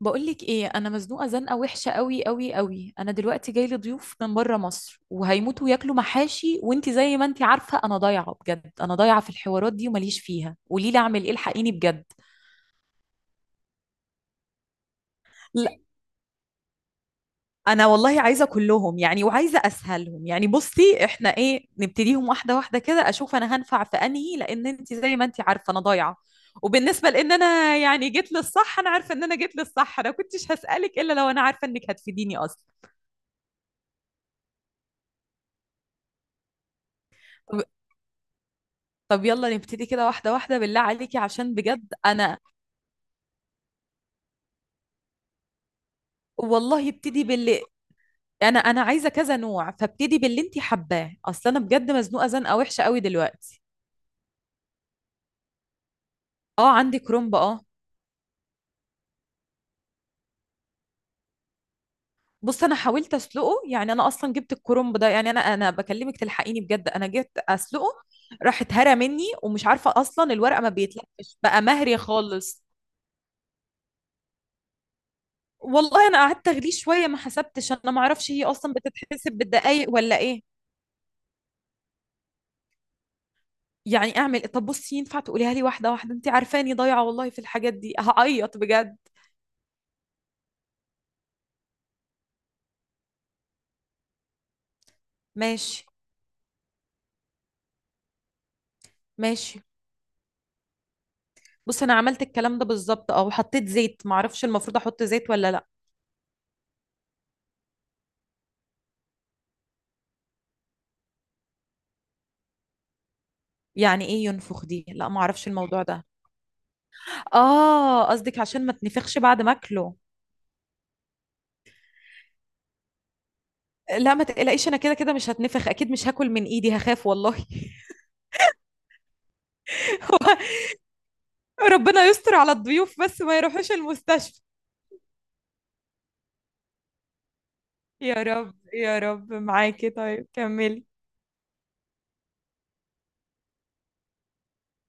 بقولك ايه، انا مزنوقه زنقه وحشه قوي قوي قوي. انا دلوقتي جاي لي ضيوف من بره مصر وهيموتوا ياكلوا محاشي، وانتي زي ما انتي عارفه انا ضايعه بجد. انا ضايعه في الحوارات دي ومليش فيها. قولي لي اعمل ايه، الحقيني بجد. لا، انا والله عايزه كلهم يعني، وعايزه اسهلهم يعني. بصي احنا ايه، نبتديهم واحده واحده كده، اشوف انا هنفع في انهي، لان انت زي ما انت عارفه انا ضايعه. وبالنسبه لان انا يعني جيت للصح، انا عارفه ان انا جيت للصح، انا كنتش هسالك الا لو انا عارفه انك هتفيديني اصلا. طب يلا نبتدي كده واحدة واحدة، بالله عليكي عشان بجد أنا. والله ابتدي باللي أنا عايزة كذا نوع، فابتدي باللي أنتي حباه. أصل أنا بجد مزنوقة زنقة وحشة قوي دلوقتي. أه عندي كرومب أه. بص أنا حاولت أسلقه يعني. أنا أصلا جبت الكرومب ده، يعني أنا بكلمك تلحقيني بجد. أنا جيت أسلقه، راح اتهرى مني، ومش عارفة أصلا الورقة ما بيتلفش، بقى مهري خالص. والله أنا قعدت أغليه شوية، ما حسبتش أنا، ما أعرفش هي أصلا بتتحسب بالدقايق ولا إيه. يعني اعمل إيه؟ طب بصي ينفع تقوليها لي واحده واحده، انت عارفاني ضايعه والله في الحاجات دي، هعيط بجد. ماشي. ماشي. بص انا عملت الكلام ده بالظبط، وحطيت زيت، معرفش المفروض احط زيت ولا لا. يعني ايه ينفخ دي؟ لا معرفش الموضوع ده. اه قصدك عشان ما تنفخش بعد ما اكله. لا ما تقلقيش، انا كده كده مش هتنفخ اكيد، مش هاكل من ايدي، هخاف والله. ربنا يستر على الضيوف بس ما يروحوش المستشفى. يا رب يا رب معاكي، طيب كملي.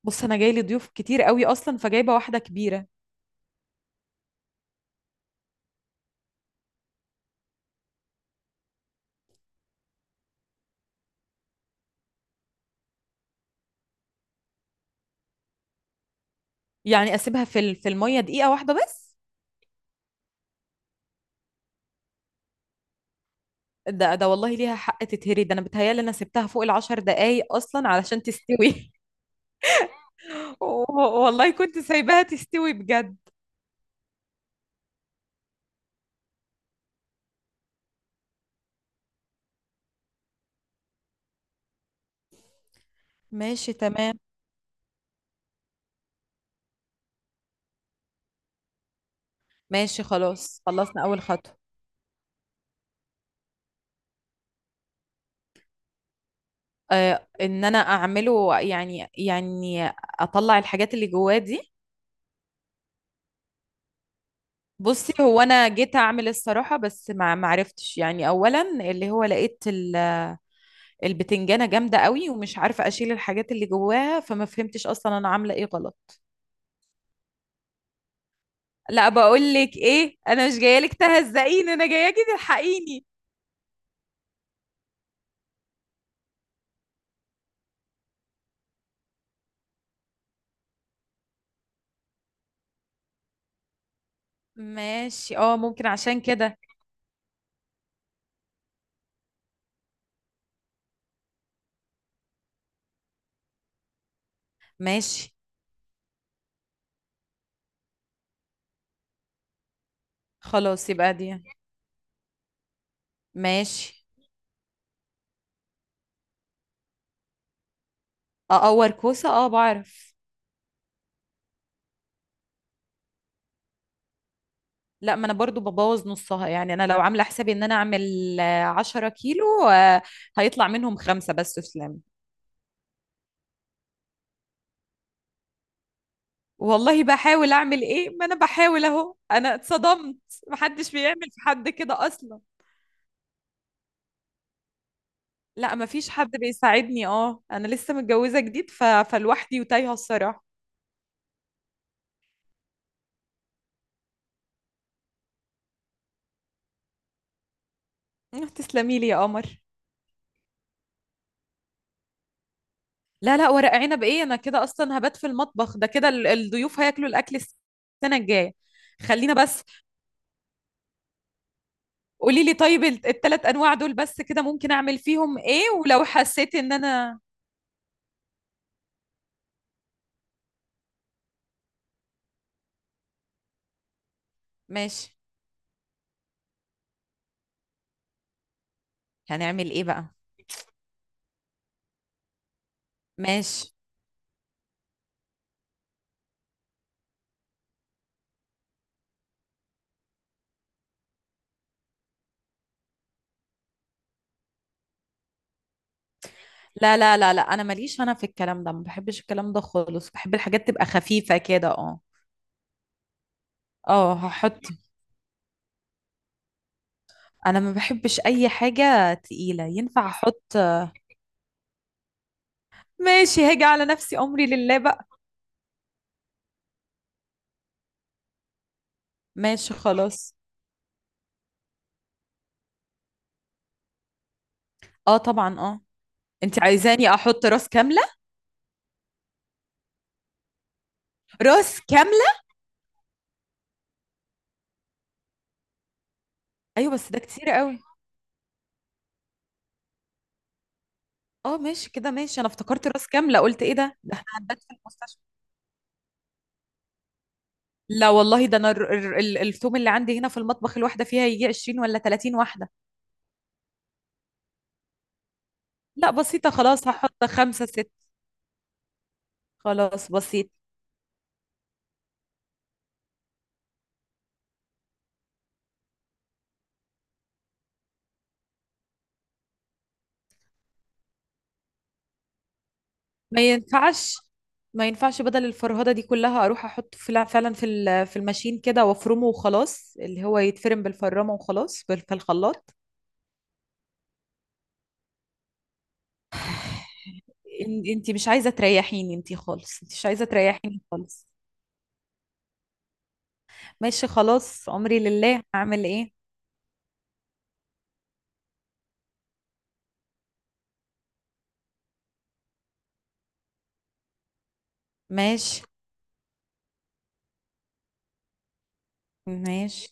بص انا جاي لي ضيوف كتير قوي اصلا، فجايبه واحده كبيره. يعني اسيبها في في الميه دقيقه واحده بس؟ ده والله ليها حق تتهري، ده انا بتهيالي انا سبتها فوق العشر دقايق اصلا علشان تستوي. و- والله كنت سايباها تستوي بجد. ماشي تمام. ماشي خلاص، خلصنا اول خطوه. آه ان انا اعمله يعني اطلع الحاجات اللي جواه دي. بصي هو انا جيت اعمل الصراحه بس ما عرفتش يعني، اولا اللي هو لقيت البتنجانة جامدة قوي، ومش عارفة أشيل الحاجات اللي جواها، فما فهمتش أصلا أنا عاملة إيه غلط. لا بقول لك إيه، أنا مش جاية لك تهزقيني، أنا جاياكي تلحقيني. ماشي أه ممكن عشان كده. ماشي خلاص، يبقى دي. ماشي. أقور كوسة؟ أه بعرف. لا ما أنا برضو ببوظ نصها، يعني أنا لو عاملة حسابي إن أنا أعمل عشرة كيلو، آه، هيطلع منهم خمسة بس، سلام. والله بحاول، أعمل إيه؟ ما أنا بحاول أهو، أنا اتصدمت، محدش بيعمل في حد كده أصلا. لا مفيش حد بيساعدني، اه انا لسه متجوزه جديد، فلوحدي وتايهه الصراحه. تسلمي لي يا قمر. لا لا ورق عنب ايه، انا كده اصلا هبات في المطبخ، ده كده الضيوف هياكلوا الاكل السنه الجايه. خلينا بس. قولي لي طيب التلات انواع دول بس كده، ممكن اعمل فيهم ايه، ولو حسيت ان انا. ماشي. هنعمل ايه بقى؟ ماشي. لا لا لا لا، انا ماليش انا في الكلام ده، ما بحبش الكلام ده خالص، بحب الحاجات تبقى خفيفه كده اه. اه هحط. انا ما بحبش اي حاجه تقيله، ينفع احط؟ ماشي، هاجي على نفسي، امري لله بقى. ماشي خلاص. اه طبعا اه. انت عايزاني احط راس كامله؟ راس كامله؟ ايوه بس ده كتير قوي. اه ماشي كده، ماشي، انا افتكرت راس كامله، قلت ايه ده احنا هنبات في المستشفى. لا والله، ده انا الثوم اللي عندي هنا في المطبخ، الواحده فيها يجي 20 ولا 30 واحده. لا بسيطه خلاص، هحط خمسه ست. خلاص بسيط. ما ينفعش ما ينفعش، بدل الفرهدة دي كلها، اروح احطه في فعلا في في الماشين كده وافرمه وخلاص، اللي هو يتفرم بالفرامة وخلاص، في الخلاط. انتي مش عايزة تريحيني انتي خالص، انتي مش عايزة تريحيني خالص. ماشي خلاص، عمري لله، هعمل ايه. ماشي. ماشي.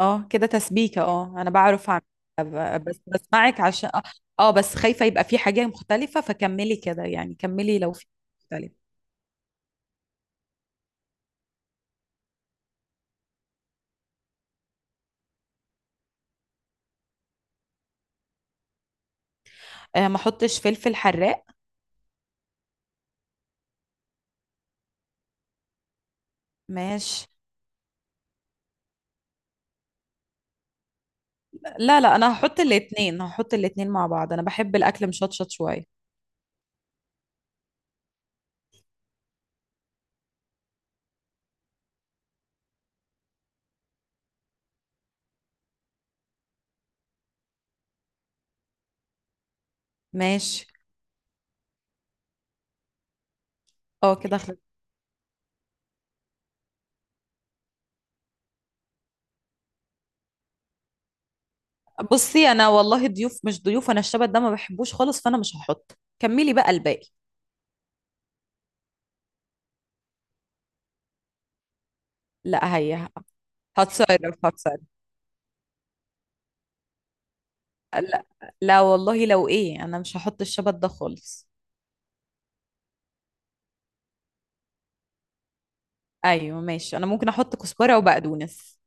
اه كده تسبيكة، اه انا بعرف اعمل. بس بسمعك عشان آه، بس خايفة يبقى في حاجة مختلفة، فكملي كده يعني، كملي لو في مختلفة. آه ما احطش فلفل حراق؟ ماشي. لا لا، انا هحط الاتنين، هحط الاتنين مع بعض، انا بحب الاكل مشطشط شويه. ماشي. اه كده خلص. بصي انا والله ضيوف مش ضيوف، انا الشبت ده ما بحبوش خالص، فانا مش هحط، كملي بقى الباقي. لا هي هتصرف هتصرف. لا. لا والله لو ايه، انا مش هحط الشبت ده خالص. ايوه ماشي، انا ممكن احط كزبره وبقدونس.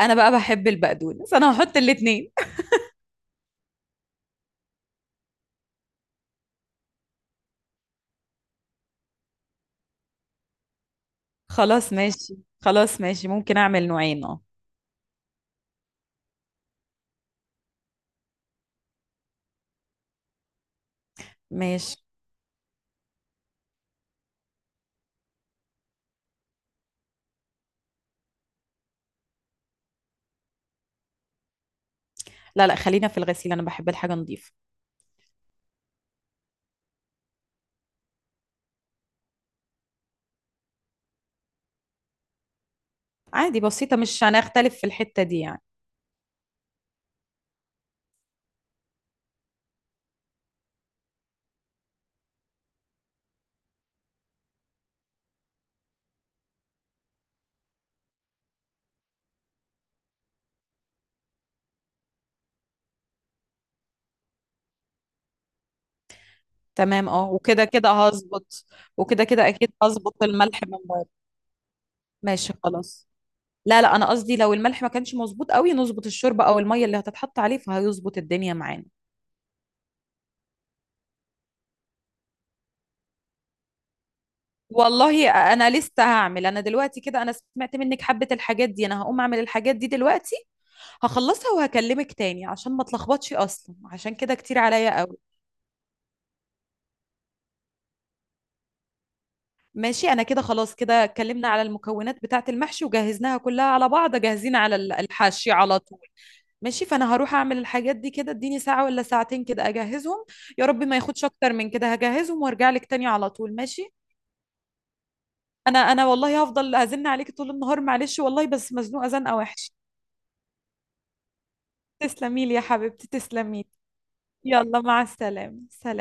انا بقى بحب البقدونس، انا هحط الاتنين. خلاص ماشي، خلاص ماشي، ممكن اعمل نوعين اه. ماشي. لا لا خلينا في الغسيل، انا بحب الحاجه نظيفه. عادي بسيطة، مش هنختلف في الحتة دي يعني. تمام اه، وكده كده هظبط. وكده كده اكيد هظبط الملح من بره. ماشي خلاص. لا لا، انا قصدي لو الملح ما كانش مظبوط قوي، نظبط الشوربة او المية اللي هتتحط عليه، فهيظبط الدنيا معانا. والله انا لسه هعمل، انا دلوقتي كده انا سمعت منك حبة الحاجات دي، انا هقوم اعمل الحاجات دي دلوقتي، هخلصها وهكلمك تاني عشان ما اتلخبطش، اصلا عشان كده كتير عليا قوي. ماشي انا كده خلاص، كده اتكلمنا على المكونات بتاعة المحشي وجهزناها كلها على بعض، جاهزين على الحشي على طول. ماشي، فانا هروح اعمل الحاجات دي كده، اديني ساعة ولا ساعتين كده اجهزهم. يا رب ما ياخدش اكتر من كده، هجهزهم وارجع لك تاني على طول، ماشي. انا والله هفضل ازن عليكي طول النهار، معلش والله بس مزنوقة زنقة وحش. تسلمي لي يا حبيبتي، تسلمي لي. يلا مع السلامة، سلام.